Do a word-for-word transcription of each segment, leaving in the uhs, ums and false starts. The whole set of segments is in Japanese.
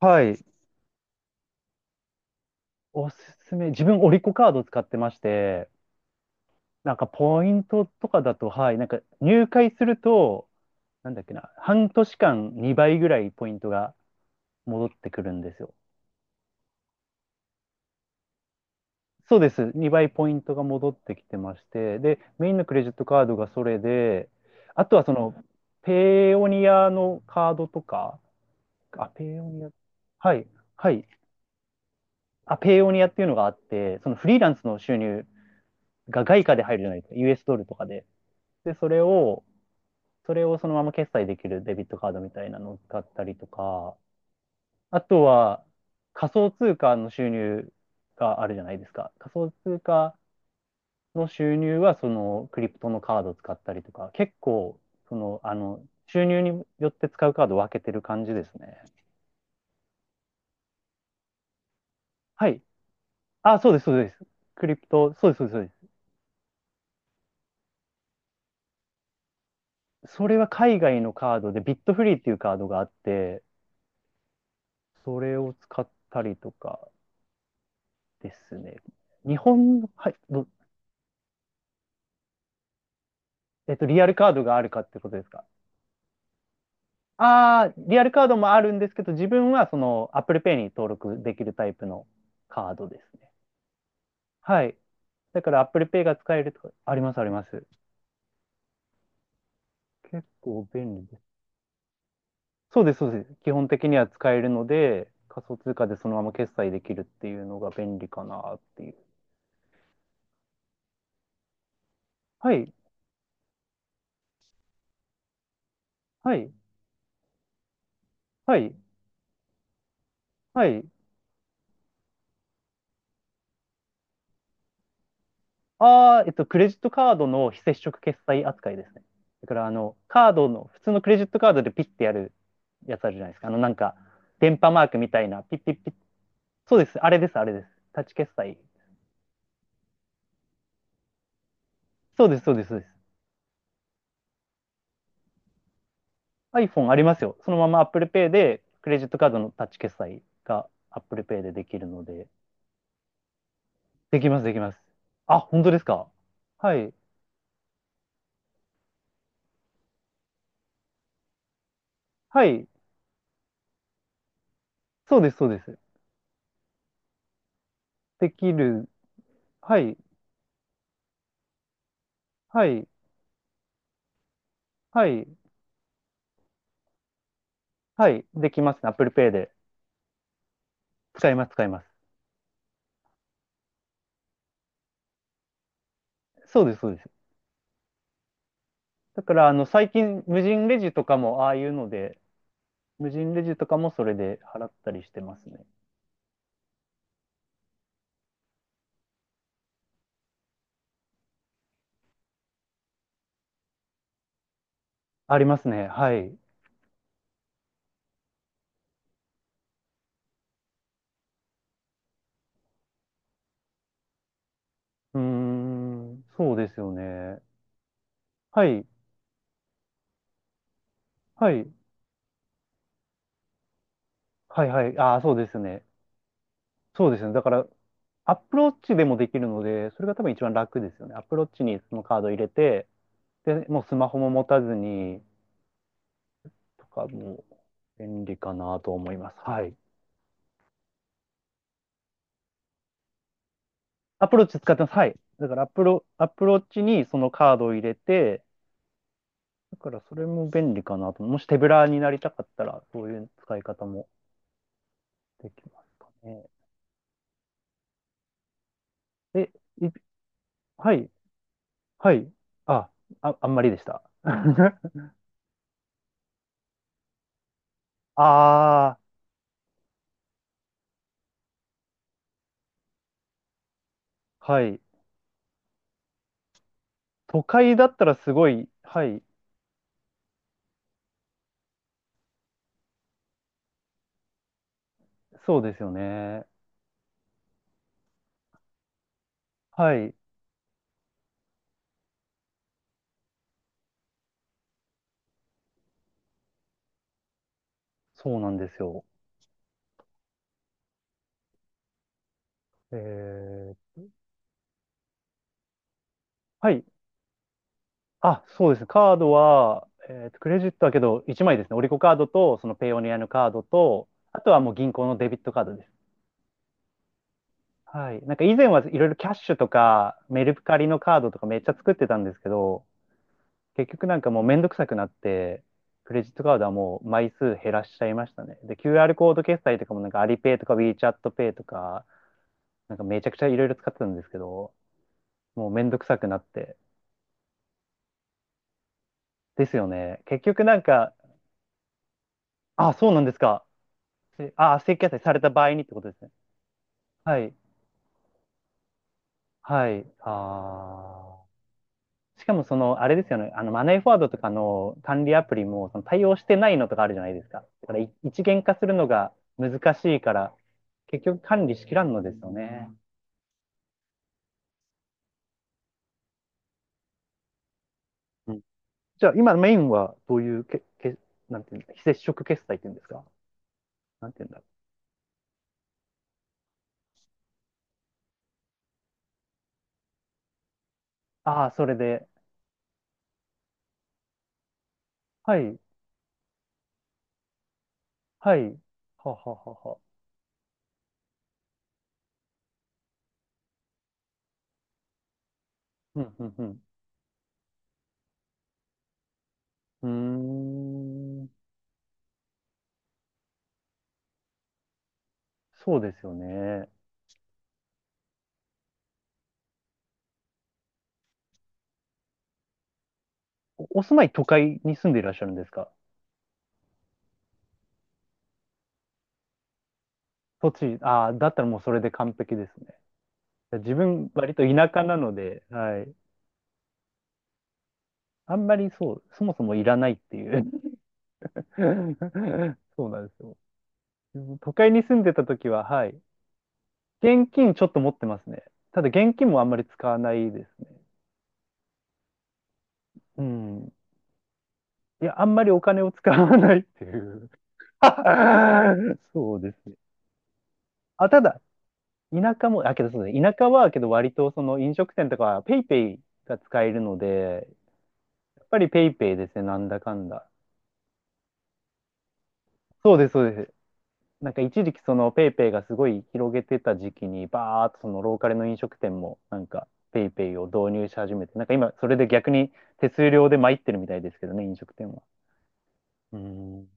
はい。おすすめ。自分、オリコカード使ってまして、なんかポイントとかだと、はい、なんか入会すると、なんだっけな、半年間にばいぐらいポイントが戻ってくるんですよ。そうです。にばいポイントが戻ってきてまして、で、メインのクレジットカードがそれで、あとはその、ペイオニアのカードとか、あ、ペイオニア、はい、はい。あ、ペイオニアっていうのがあって、そのフリーランスの収入が外貨で入るじゃないですか、ユーエス ドルとかで。で、それを、それをそのまま決済できるデビットカードみたいなのを使ったりとか、あとは仮想通貨の収入があるじゃないですか。仮想通貨の収入はそのクリプトのカードを使ったりとか、結構、その、あの、収入によって使うカードを分けてる感じですね。はい。あ、そうです、そうです。クリプト、そうです、そうです、そうです。それは海外のカードで、ビットフリーっていうカードがあって、それを使ったりとかですね。日本の、はい、ど、えっと、リアルカードがあるかってことですか？ああー、リアルカードもあるんですけど、自分はその Apple Pay に登録できるタイプのカードですね。はい。だから Apple Pay が使えるとか、ありますあります。結構便利です。そうです、そうです。基本的には使えるので、仮想通貨でそのまま決済できるっていうのが便利かなっていう。はい、はい、はい、はい。ああ、えっと、クレジットカードの非接触決済扱いですね。だから、あの、カードの、普通のクレジットカードでピッてやるやつあるじゃないですか。あの、なんか、電波マークみたいな、ピッピッピッ。そうです。あれです、あれです。タッチ決済。そうです、そうです、そうです。iPhone ありますよ。そのまま Apple Pay で、クレジットカードのタッチ決済が Apple Pay でできるので、できます、できます。あ、本当ですか。はい。はい。そうです、そうです。できる。はい。はい。はい。はい。できますね。Apple Pay で。使います、使います。そうです、そうです。だから、あの、最近、無人レジとかも、ああいうので、無人レジとかもそれで払ったりしてますね。ありますね。はい。うーん、そうですよね。はい、はい、はい、はい。ああ、そうですね。そうですね。だから、アップローチでもできるので、それが多分一番楽ですよね。アップローチにそのカード入れて、で、もうスマホも持たずに、とかも、便利かなと思います。はい。アプローチ使ってます。はい。だからアプロ、アプローチにそのカードを入れて、だからそれも便利かなと。もし手ぶらになりたかったら、そういう使い方もできますかね。え、いはい、はい。あ、あ、あんまりでした。ああ、はい。都会だったらすごい、はい、そうですよね。はい、そうなんですよ。えー、はい。あ、そうですね。カードは、えーと、クレジットはけど、いちまいですね。オリコカードと、そのペイオニアのカードと、あとはもう銀行のデビットカードです。はい。なんか以前はいろいろキャッシュとか、メルカリのカードとかめっちゃ作ってたんですけど、結局なんかもうめんどくさくなって、クレジットカードはもう枚数減らしちゃいましたね。で、キューアール コード決済とかもなんかアリペイとか WeChat ペイとか、なんかめちゃくちゃいろいろ使ってたんですけど、もうめんどくさくなって。ですよね。結局なんか、あ、そうなんですか。せああ、設計された場合にってことですね。はい。はい。ああ。しかもその、あれですよね。あの、マネーフォワードとかの管理アプリも、その対応してないのとかあるじゃないですか。だからい一元化するのが難しいから、結局管理しきらんのですよね。うん。じゃあ、今メインはどういうけ、け、なんていうんですか、非接触決済っていうんですか？なんていうんだろう。ああ、それで。はい。はい。はははは。うん、うん、うん。うーん。そうですよね。おお住まい、都会に住んでいらっしゃるんですか？栃木、ああ、だったらもうそれで完璧ですね。自分、割と田舎なので、はい。あんまりそう、そもそもいらないっていう。そうなんですよ。都会に住んでた時は、はい。現金ちょっと持ってますね。ただ現金もあんまり使わないですね。うん。いや、あんまりお金を使わないっていう。そうですね。あ、ただ、田舎も、あ、けどそうですね。田舎は、けど割とその飲食店とかはペイペイが使えるので、ぱりペイペイですね、なんだかんだ。そうです、そうです。なんか一時期そのペイペイがすごい広げてた時期に、バーっとそのローカルの飲食店もなんかペイペイを導入し始めて、なんか今それで逆に手数料で参ってるみたいですけどね、飲食店は。うん。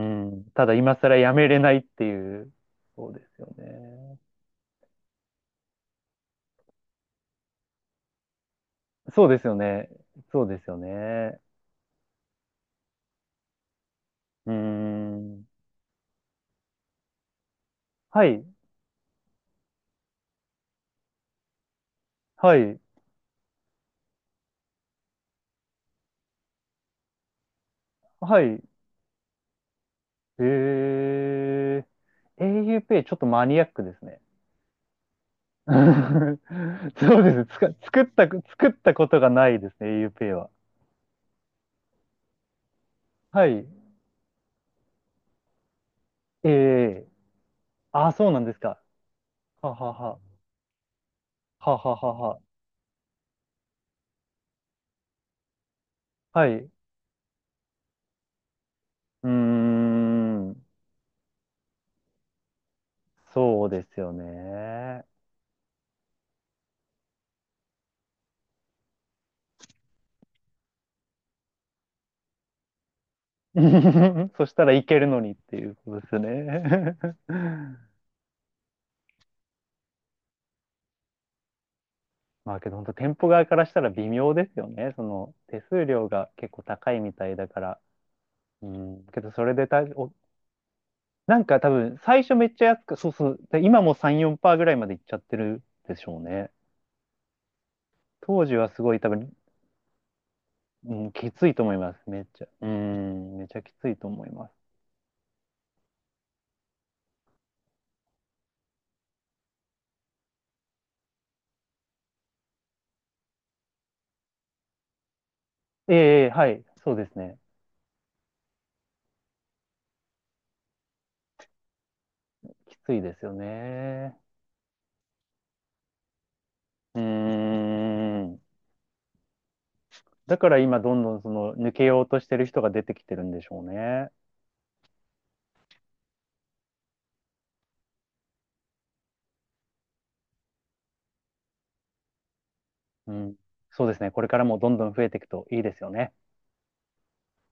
うん。ただ今更やめれないっていう、そうですよね。そうですよね。そうですよね。うーん。はい、はい、はい。えー、エーユーペイちょっとマニアックですね。うん。そうです。つか、作った、作ったことがないですね、AUPay は。はい。ええあ、そうなんですか。ははは。はははは。はい。うーん。そうですよね。そしたらいけるのにっていうことですよね。まあけど本当店舗側からしたら微妙ですよね。その手数料が結構高いみたいだから。うん。けどそれでた、お、なんか多分、最初めっちゃ安く、そうそう、で今もさん、よんパーセントぐらいまでいっちゃってるでしょうね。当時はすごい多分、うん、きついと思います。めっちゃ。うん、めちゃきついと思います。ええ、はい、そうですね。きついですよね。うーん。だから今、どんどんその、抜けようとしてる人が出てきてるんでしょうね。うん。そうですね。これからもどんどん増えていくといいですよね。